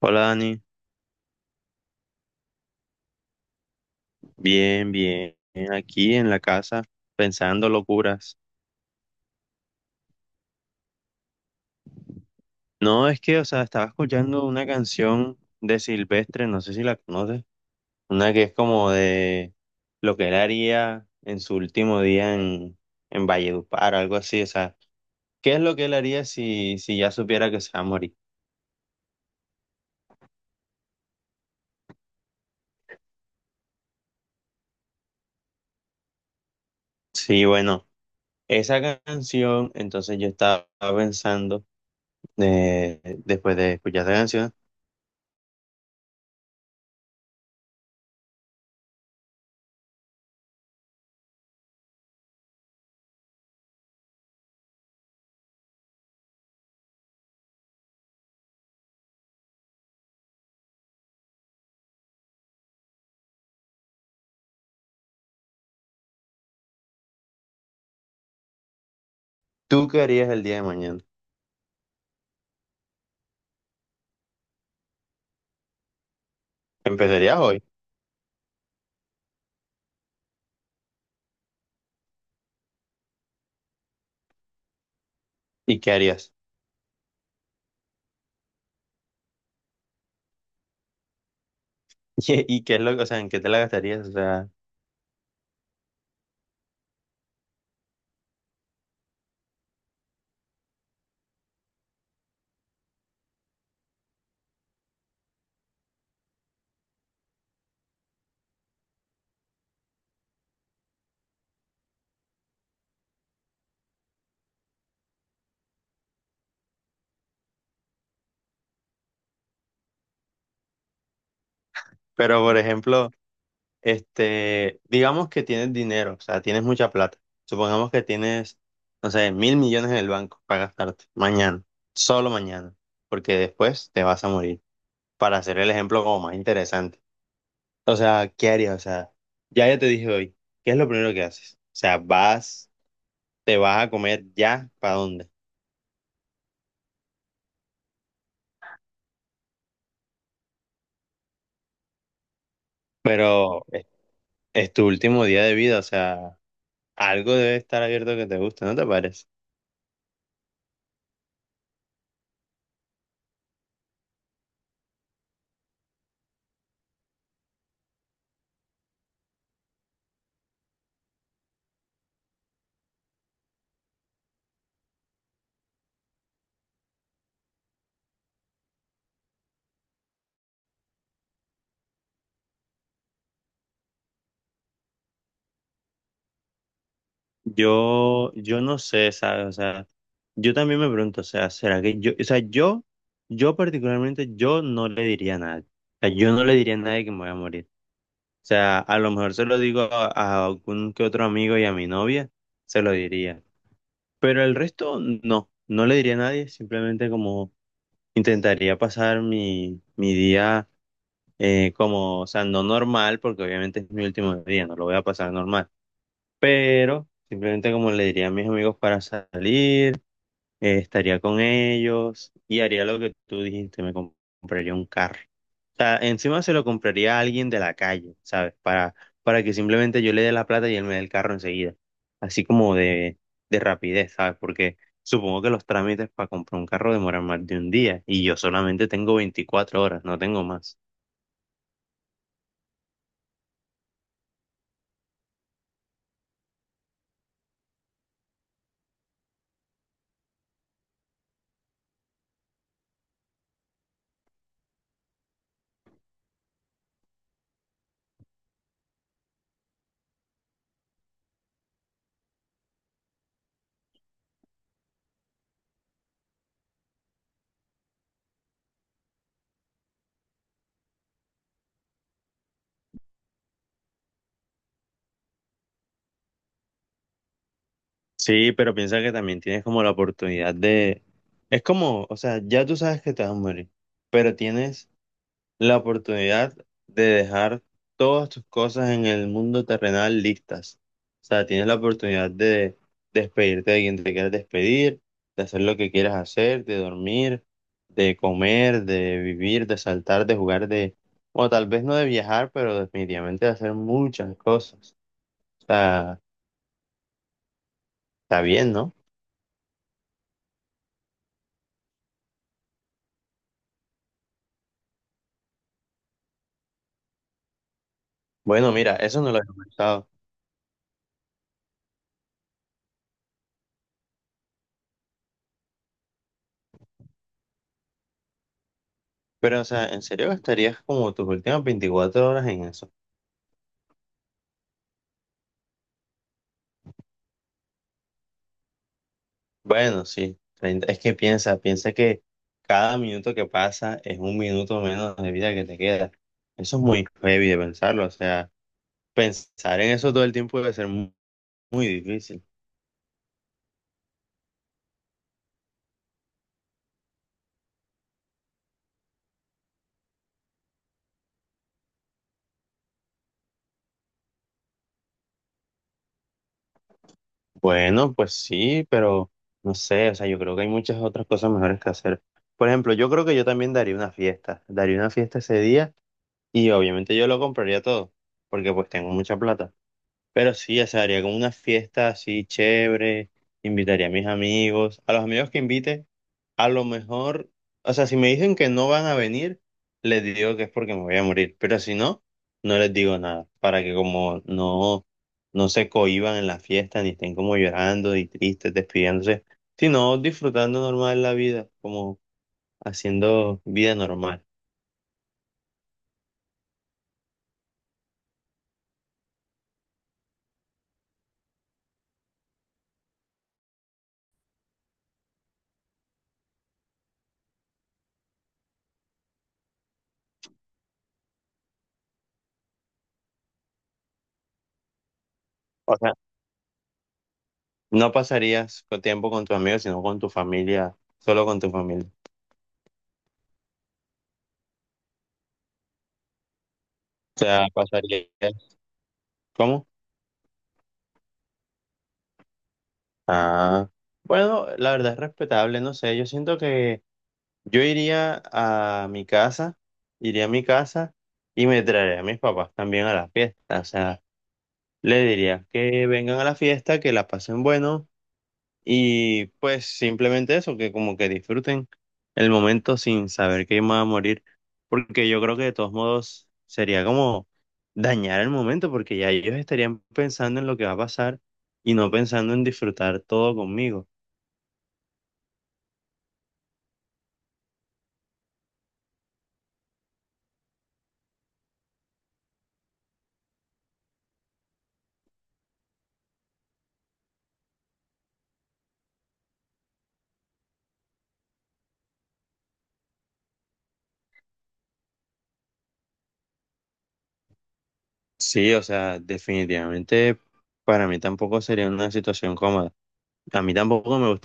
Hola Dani, bien, bien, aquí en la casa pensando locuras. No, es que, o sea, estaba escuchando una canción de Silvestre, no sé si la conoces, una que es como de lo que él haría en su último día en Valledupar, algo así, o sea, ¿qué es lo que él haría si ya supiera que se va a morir? Sí, bueno, esa canción, entonces yo estaba pensando, después de escuchar esa canción, ¿tú qué harías el día de mañana? ¿Empezarías hoy? ¿Y qué harías? ¿Y qué es lo, o sea, en qué te la gastarías? O sea, pero por ejemplo, este, digamos que tienes dinero, o sea, tienes mucha plata. Supongamos que tienes, no sé, mil millones en el banco para gastarte mañana, solo mañana, porque después te vas a morir. Para hacer el ejemplo como más interesante. O sea, ¿qué harías? O sea, ya ya te dije hoy, ¿qué es lo primero que haces? O sea, vas, te vas a comer ya, ¿para dónde? Pero es tu último día de vida, o sea. Algo debe estar abierto que te guste, ¿no te parece? Yo no sé, ¿sabes? O sea, yo también me pregunto, o sea, ¿será que yo, o sea, yo particularmente, yo no le diría a nadie. O sea, yo no le diría a nadie que me voy a morir. O sea, a lo mejor se lo digo a algún que otro amigo y a mi novia, se lo diría. Pero el resto, no, no le diría a nadie, simplemente como intentaría pasar mi día como, o sea, no normal, porque obviamente es mi último día, no lo voy a pasar normal pero simplemente como le diría a mis amigos para salir, estaría con ellos y haría lo que tú dijiste, me compraría un carro. O sea, encima se lo compraría a alguien de la calle, ¿sabes? Para que simplemente yo le dé la plata y él me dé el carro enseguida. Así como de rapidez, ¿sabes? Porque supongo que los trámites para comprar un carro demoran más de un día y yo solamente tengo 24 horas, no tengo más. Sí, pero piensa que también tienes como la oportunidad Es como, o sea, ya tú sabes que te vas a morir, pero tienes la oportunidad de dejar todas tus cosas en el mundo terrenal listas. O sea, tienes la oportunidad de despedirte de quien te quieras despedir, de hacer lo que quieras hacer, de dormir, de comer, de vivir, de saltar, de jugar, O tal vez no de viajar, pero definitivamente de hacer muchas cosas. O sea, está bien, ¿no? Bueno, mira, eso no lo había pensado. Pero, o sea, ¿en serio gastarías como tus últimas 24 horas en eso? Bueno, sí, 30 es que piensa, piensa que cada minuto que pasa es un minuto menos de vida que te queda. Eso es muy heavy de pensarlo, o sea, pensar en eso todo el tiempo debe ser muy difícil. Bueno, pues sí, pero no sé, o sea, yo creo que hay muchas otras cosas mejores que hacer. Por ejemplo, yo creo que yo también daría una fiesta ese día y obviamente yo lo compraría todo, porque pues tengo mucha plata. Pero sí, o sea, haría como una fiesta así chévere, invitaría a mis amigos, a los amigos que invite, a lo mejor, o sea, si me dicen que no van a venir, les digo que es porque me voy a morir, pero si no, no les digo nada, para que como no, no se cohíban en la fiesta, ni estén como llorando y tristes, despidiéndose, sino disfrutando normal la vida, como haciendo vida normal. O sea, no pasarías tiempo con tus amigos, sino con tu familia, solo con tu familia. Sea, pasaría. ¿Cómo? Ah, bueno, la verdad es respetable, no sé. Yo siento que yo iría a mi casa, iría a mi casa y me traería a mis papás también a la fiesta. O sea, le diría que vengan a la fiesta, que la pasen bueno. Y pues simplemente eso, que como que disfruten el momento sin saber que van a morir, porque yo creo que de todos modos sería como dañar el momento, porque ya ellos estarían pensando en lo que va a pasar y no pensando en disfrutar todo conmigo. Sí, o sea, definitivamente para mí tampoco sería una situación cómoda. A mí tampoco me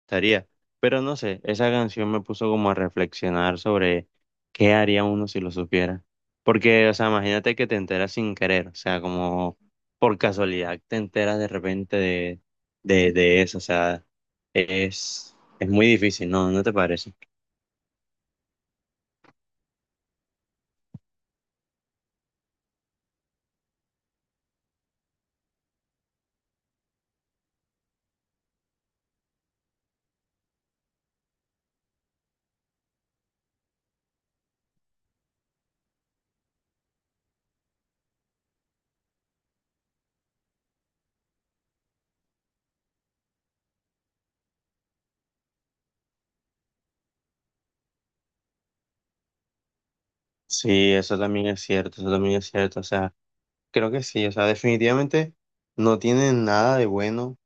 estaría. Pero no sé, esa canción me puso como a reflexionar sobre qué haría uno si lo supiera. Porque, o sea, imagínate que te enteras sin querer, o sea, como por casualidad te enteras de repente de eso, o sea, es muy difícil, ¿no? ¿No te parece? Sí, eso también es cierto, eso también es cierto, o sea, creo que sí, o sea, definitivamente no tiene nada de bueno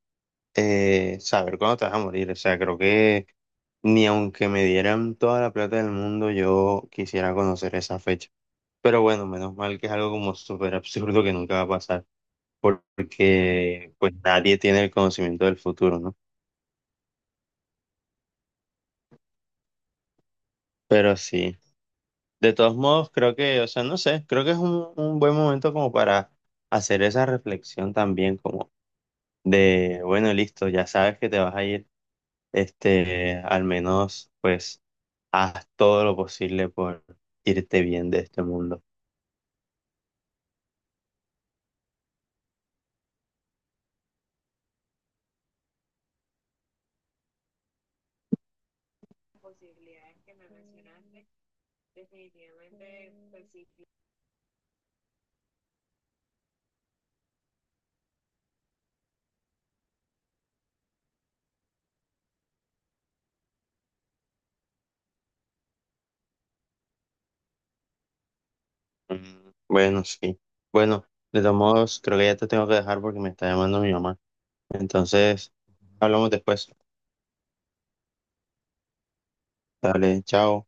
saber cuándo te vas a morir. O sea, creo que ni aunque me dieran toda la plata del mundo, yo quisiera conocer esa fecha. Pero bueno, menos mal que es algo como súper absurdo que nunca va a pasar, porque pues nadie tiene el conocimiento del futuro, ¿no? Pero sí, de todos modos, creo que, o sea, no sé, creo que es un buen momento como para hacer esa reflexión también, como de, bueno, listo, ya sabes que te vas a ir, este, al menos, pues haz todo lo posible por irte bien de este mundo. Mm, bueno, sí. Bueno, de todos modos, creo que ya te tengo que dejar porque me está llamando mi mamá. Entonces, hablamos después. Dale, chao.